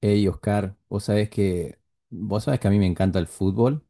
Hey Oscar, vos sabés que a mí me encanta el fútbol,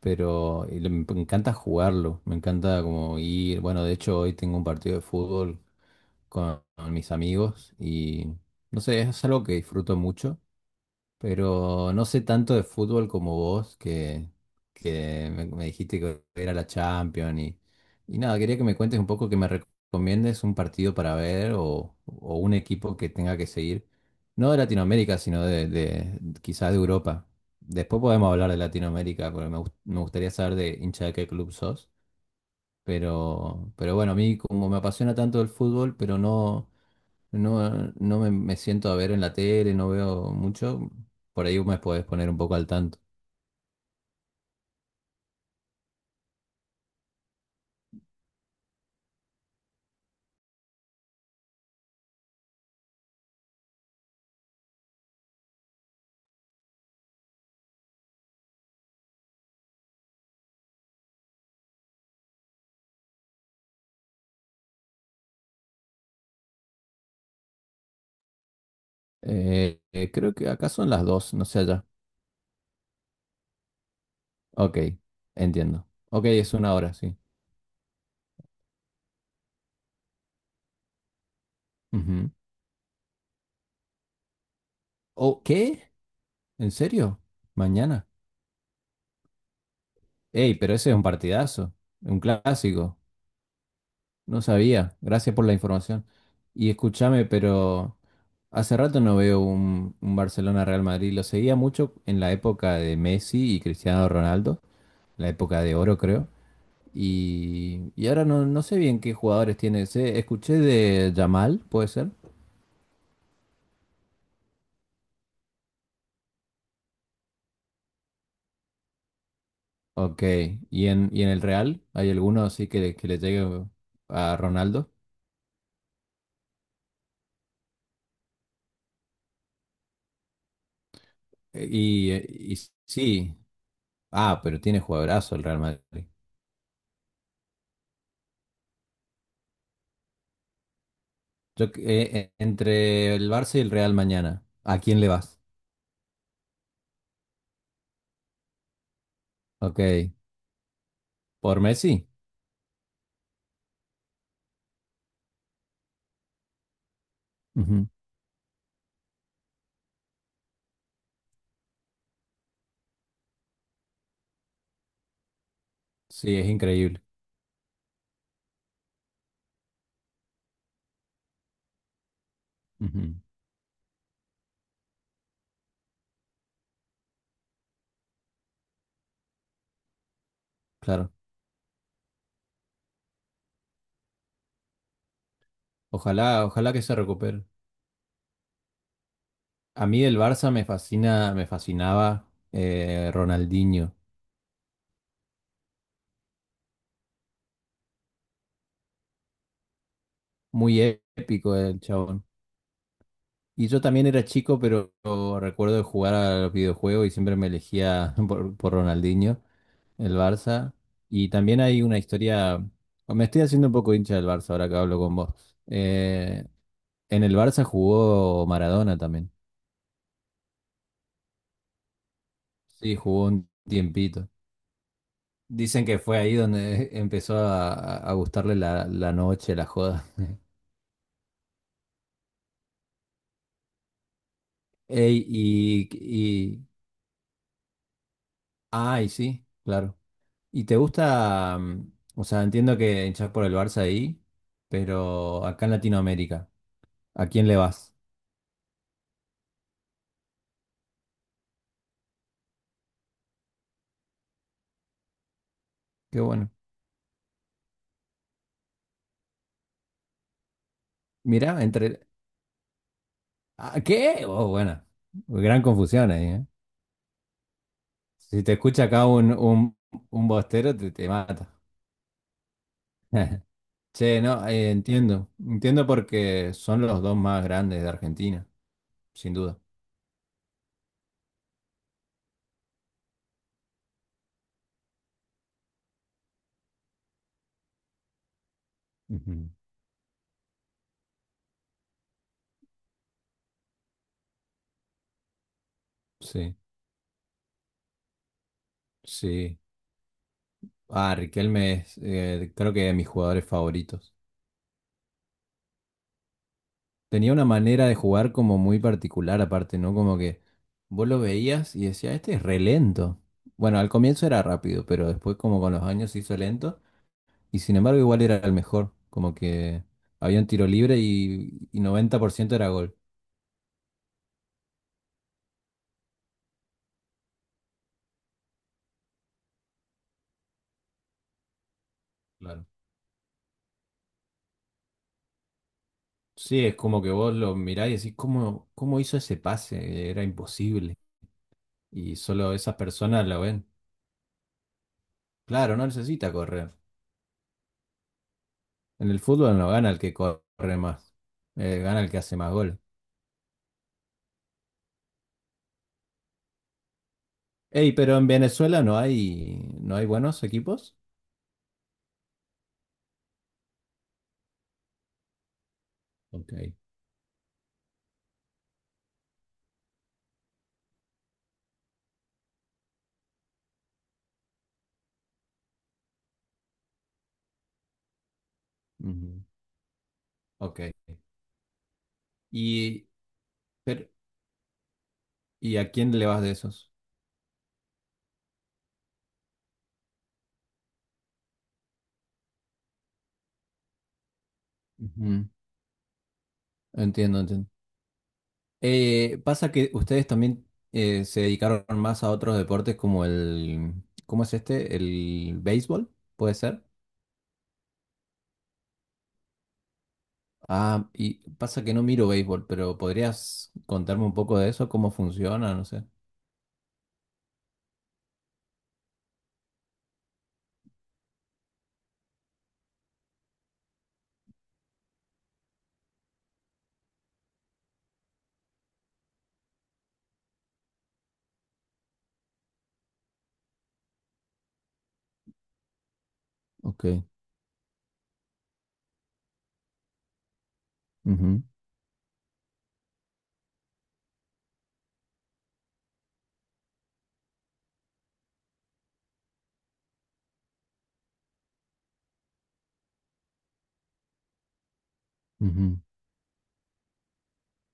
pero me encanta jugarlo, me encanta como ir, bueno, de hecho hoy tengo un partido de fútbol con mis amigos y no sé, es algo que disfruto mucho pero no sé tanto de fútbol como vos, que me dijiste que era la Champions y nada, quería que me cuentes un poco, que me recomiendes un partido para ver o un equipo que tenga que seguir, no de Latinoamérica, sino quizás de Europa. Después podemos hablar de Latinoamérica, porque me gustaría saber de hincha de qué club sos. Pero bueno, a mí como me apasiona tanto el fútbol, pero no... No, me siento a ver en la tele, no veo mucho. Por ahí me podés poner un poco al tanto. Creo que acá son las dos, no sé allá. Ok, entiendo. Ok, es una hora, sí. Ujú. ¿O qué? ¿En serio? ¿Mañana? Ey, pero ese es un partidazo, un clásico. No sabía. Gracias por la información. Y escúchame, pero hace rato no veo un Barcelona-Real Madrid. Lo seguía mucho en la época de Messi y Cristiano Ronaldo, la época de oro, creo. Y ahora no, no sé bien qué jugadores tiene ese. Escuché de Yamal, ¿puede ser? Ok. Y en el Real? ¿Hay alguno así que le llegue a Ronaldo? Y sí. Ah, pero tiene jugadorazo el Real Madrid. Entre el Barça y el Real mañana, ¿a quién le vas? Ok. ¿Por Messi? Ujú. Sí, es increíble. Ujú. Claro. Ojalá que se recupere. A mí del Barça me fascina, me fascinaba Ronaldinho. Muy épico el chabón. Y yo también era chico, pero recuerdo de jugar a los videojuegos y siempre me elegía por Ronaldinho, el Barça. Y también hay una historia, me estoy haciendo un poco hincha del Barça ahora que hablo con vos. En el Barça jugó Maradona también. Sí, jugó un tiempito. Dicen que fue ahí donde empezó a gustarle la noche, la joda. Ey, y, y... Ay, sí, claro. ¿Y te gusta, o sea, entiendo que hinchás por el Barça ahí, pero acá en Latinoamérica, ¿a quién le vas? Qué bueno. Mirá, entre... ¿A qué? Oh, bueno. Gran confusión ahí, ¿eh? Si te escucha acá un bostero, te mata. Che, no, entiendo. Entiendo porque son los dos más grandes de Argentina, sin duda. Ujú. Sí, sí. Ah, Riquelme es, creo que de mis jugadores favoritos. Tenía una manera de jugar como muy particular aparte, ¿no? Como que vos lo veías y decías, este es re lento. Bueno, al comienzo era rápido, pero después como con los años se hizo lento y sin embargo igual era el mejor, como que había un tiro libre y 90% era gol. Claro. Sí, es como que vos lo mirás y decís, ¿cómo hizo ese pase? Era imposible. Y solo esas personas lo ven. Claro, no necesita correr. En el fútbol no gana el que corre más, gana el que hace más goles. Ey, pero en Venezuela no hay, no hay buenos equipos. Ok. Ujú. Ok. Y, pero, ¿y a quién le vas de esos? Ujú. Entiendo, entiendo. Pasa que ustedes también se dedicaron más a otros deportes como el, ¿cómo es este? El béisbol, ¿puede ser? Ah, y pasa que no miro béisbol, pero ¿podrías contarme un poco de eso? ¿Cómo funciona? No sé. Ok. Ujú. Ujú.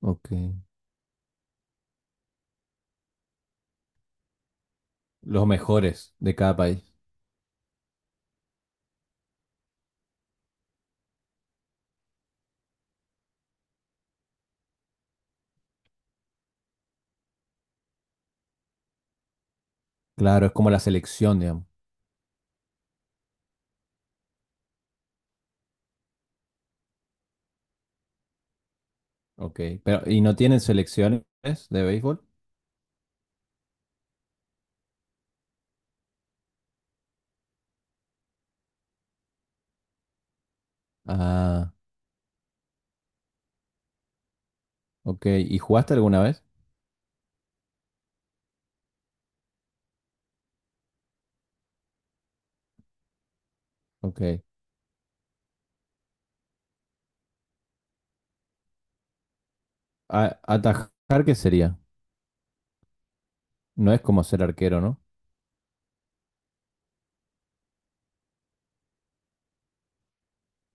Ok. Los mejores de cada país. Claro, es como la selección, digamos. Ok, pero ¿y no tienen selecciones de béisbol? Ah, ok. ¿Y jugaste alguna vez? Ok. ¿Atajar qué sería? No es como ser arquero, ¿no?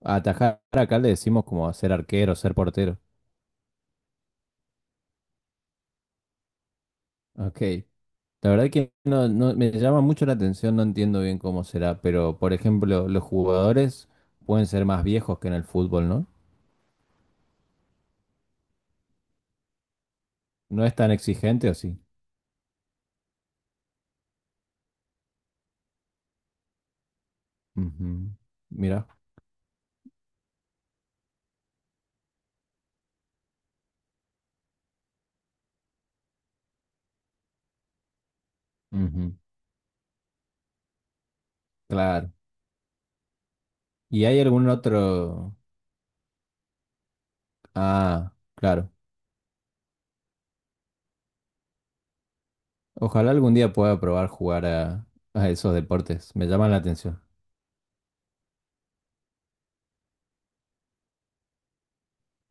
A Atajar acá le decimos como ser arquero, ser portero. Ok. La verdad que no, me llama mucho la atención, no entiendo bien cómo será, pero por ejemplo, los jugadores pueden ser más viejos que en el fútbol, ¿no? ¿No es tan exigente o sí? Ujú. Mira. Ujú. Claro. ¿Y hay algún otro? Ah, claro. Ojalá algún día pueda probar jugar a esos deportes. Me llaman la atención.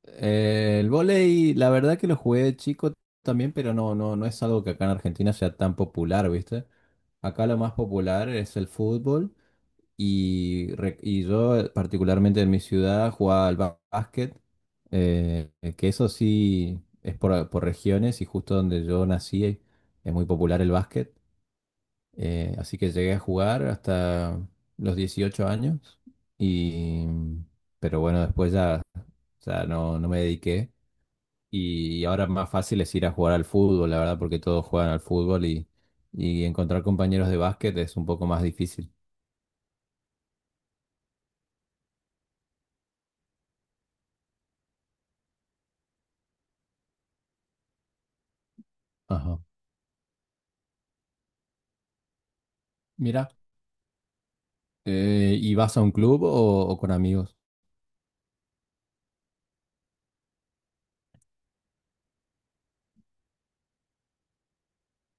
El vóley, la verdad que lo jugué de chico también, pero no es algo que acá en Argentina sea tan popular, ¿viste? Acá lo más popular es el fútbol y, y yo particularmente en mi ciudad jugaba al básquet, eh, que eso sí es por regiones y justo donde yo nací es muy popular el básquet. Así que llegué a jugar hasta los 18 años y pero bueno, después ya no, no me dediqué y ahora más fácil es ir a jugar al fútbol, la verdad, porque todos juegan al fútbol y encontrar compañeros de básquet es un poco más difícil. Ajá. Mira, ¿y vas a un club o con amigos?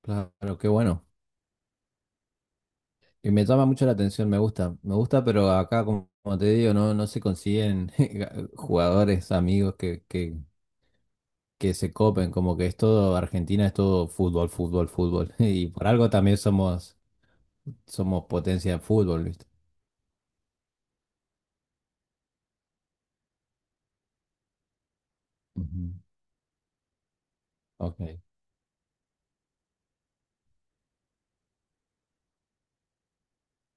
Claro, qué bueno. Y me llama mucho la atención, me gusta, pero acá, como, como te digo, no, no se consiguen jugadores, amigos que se copen, como que es todo, Argentina es todo fútbol, fútbol, fútbol. Y por algo también somos, somos potencia en fútbol, ¿viste? Ujú. Ok,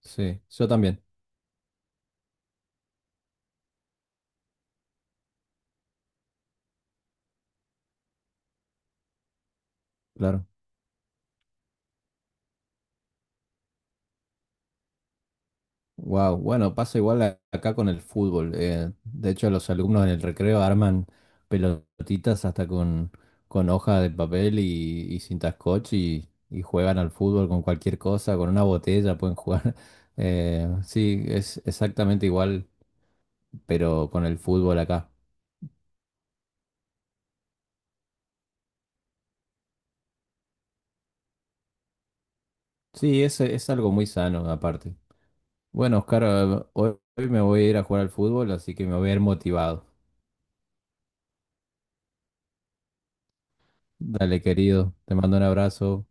sí, yo también, claro. Wow, bueno, pasa igual acá con el fútbol. Eh, de hecho, los alumnos en el recreo arman pelotitas hasta con hoja de papel y cinta scotch y juegan al fútbol con cualquier cosa, con una botella pueden jugar. Sí, es exactamente igual, pero con el fútbol acá. Sí, es algo muy sano aparte. Bueno, Oscar, hoy me voy a ir a jugar al fútbol, así que me voy a ir motivado. Dale, querido, te mando un abrazo.